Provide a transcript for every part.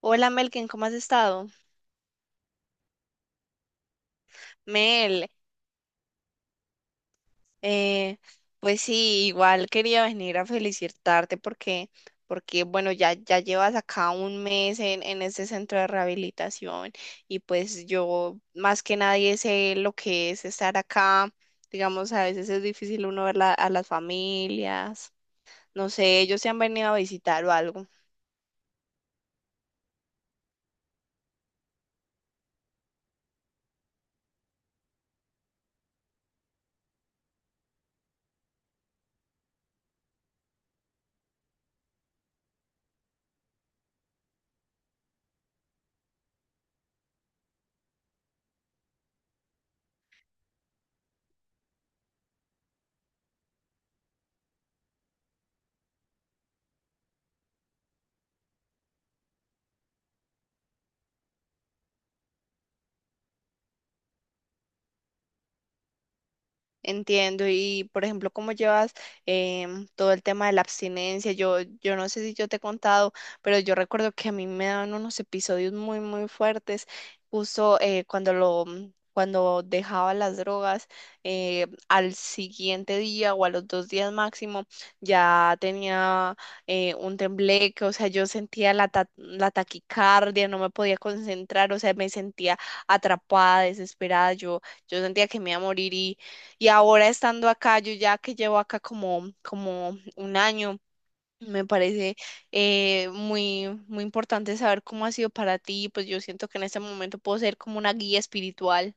Hola Melkin, ¿cómo has estado? Mel, eh, pues sí, igual quería venir a felicitarte porque bueno, ya llevas acá un mes en este centro de rehabilitación y pues yo más que nadie sé lo que es estar acá. Digamos, a veces es difícil uno ver a las familias. No sé, ellos se han venido a visitar o algo. Entiendo, y por ejemplo, cómo llevas todo el tema de la abstinencia. Yo no sé si yo te he contado, pero yo recuerdo que a mí me daban unos episodios muy, muy fuertes, justo cuando cuando dejaba las drogas, al siguiente día o a los dos días máximo, ya tenía un tembleque, o sea, yo sentía la taquicardia, no me podía concentrar, o sea, me sentía atrapada, desesperada, yo sentía que me iba a morir y ahora estando acá, yo ya que llevo acá como un año, me parece muy, muy importante saber cómo ha sido para ti. Pues yo siento que en este momento puedo ser como una guía espiritual.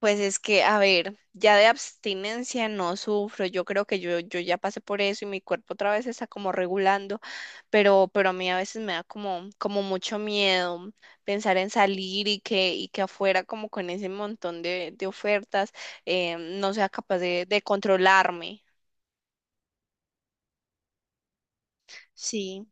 Pues es que, a ver, ya de abstinencia no sufro, yo creo que yo ya pasé por eso y mi cuerpo otra vez está como regulando, pero a mí a veces me da como mucho miedo pensar en salir y y que afuera como con ese montón de ofertas no sea capaz de controlarme. Sí,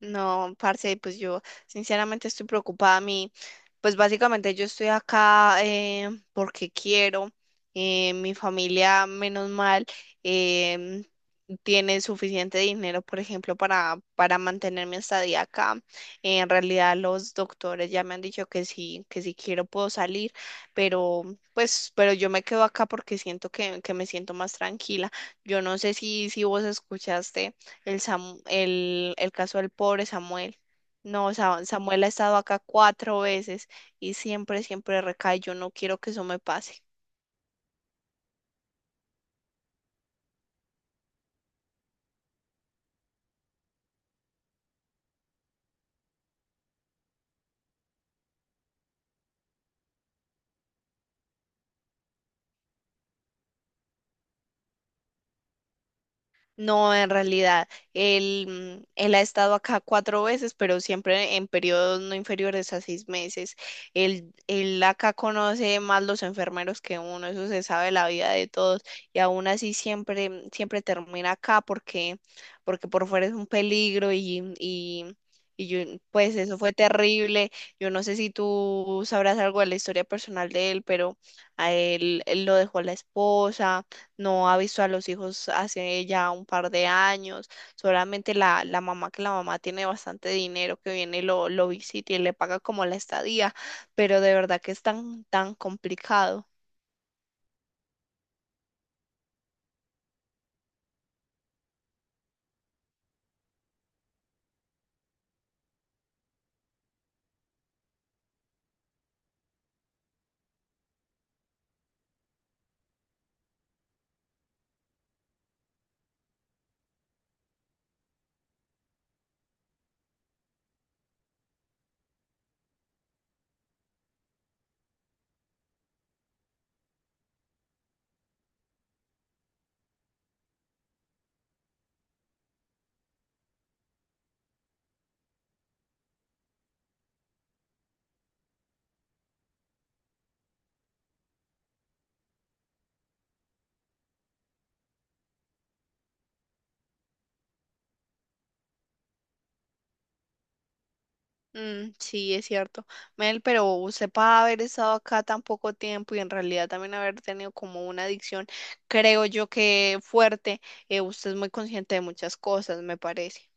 no, parce, pues yo sinceramente estoy preocupada. A mí. Pues básicamente yo estoy acá porque quiero. Mi familia, menos mal, em, tiene suficiente dinero, por ejemplo, para mantener mi estadía acá. En realidad los doctores ya me han dicho que sí, que si quiero puedo salir, pero yo me quedo acá porque siento que me siento más tranquila. Yo no sé si vos escuchaste el caso del pobre Samuel. No, Samuel ha estado acá cuatro veces y siempre, siempre recae. Yo no quiero que eso me pase. No, en realidad, él, él ha estado acá cuatro veces, pero siempre en periodos no inferiores a seis meses. Él acá conoce más los enfermeros que uno, eso se sabe la vida de todos, y aún así siempre, siempre termina acá porque por fuera es un peligro y yo, pues eso fue terrible. Yo no sé si tú sabrás algo de la historia personal de él, pero a él lo dejó la esposa no avisó a los hijos hace ya un par de años, solamente la mamá, que la mamá tiene bastante dinero, que viene y lo visita y le paga como la estadía, pero de verdad que es tan, tan complicado. Mm, sí, es cierto. Mel, pero usted para haber estado acá tan poco tiempo y en realidad también haber tenido como una adicción, creo yo que fuerte, usted es muy consciente de muchas cosas, me parece.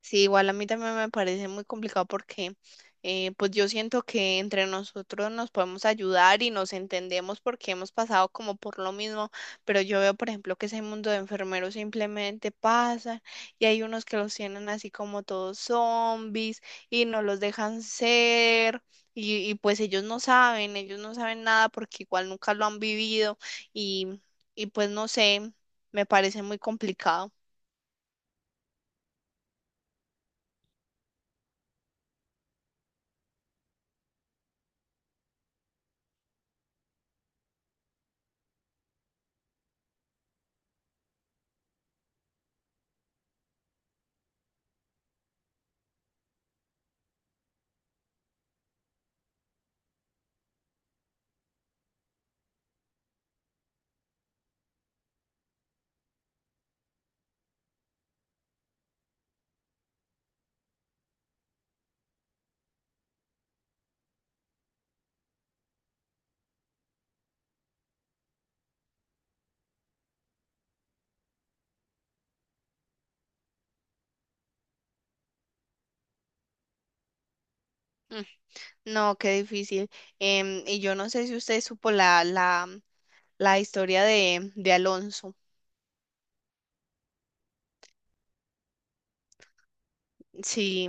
Sí, igual a mí también me parece muy complicado porque pues yo siento que entre nosotros nos podemos ayudar y nos entendemos porque hemos pasado como por lo mismo, pero yo veo, por ejemplo, que ese mundo de enfermeros simplemente pasa y hay unos que los tienen así como todos zombies y no los dejan ser. Y pues ellos no saben nada porque igual nunca lo han vivido y, y pues no sé, me parece muy complicado. No, qué difícil. Y yo no sé si usted supo la historia de Alonso. Sí,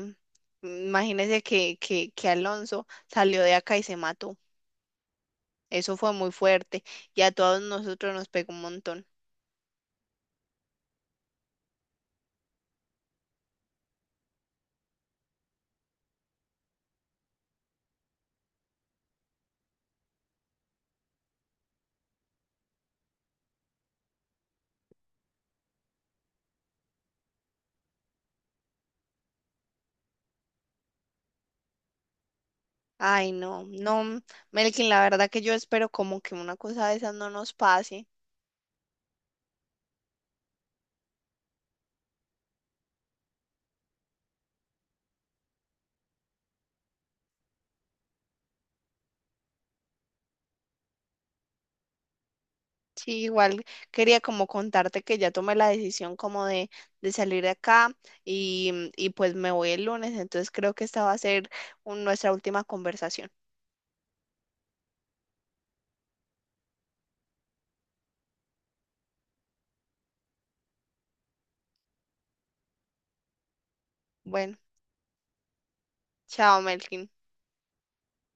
imagínese que Alonso salió de acá y se mató. Eso fue muy fuerte y a todos nosotros nos pegó un montón. Ay, no, no, Melkin, la verdad que yo espero como que una cosa de esas no nos pase. Sí, igual quería como contarte que ya tomé la decisión como de salir de acá y, y pues me voy el lunes, entonces creo que esta va a ser nuestra última conversación. Bueno, chao, Melkin.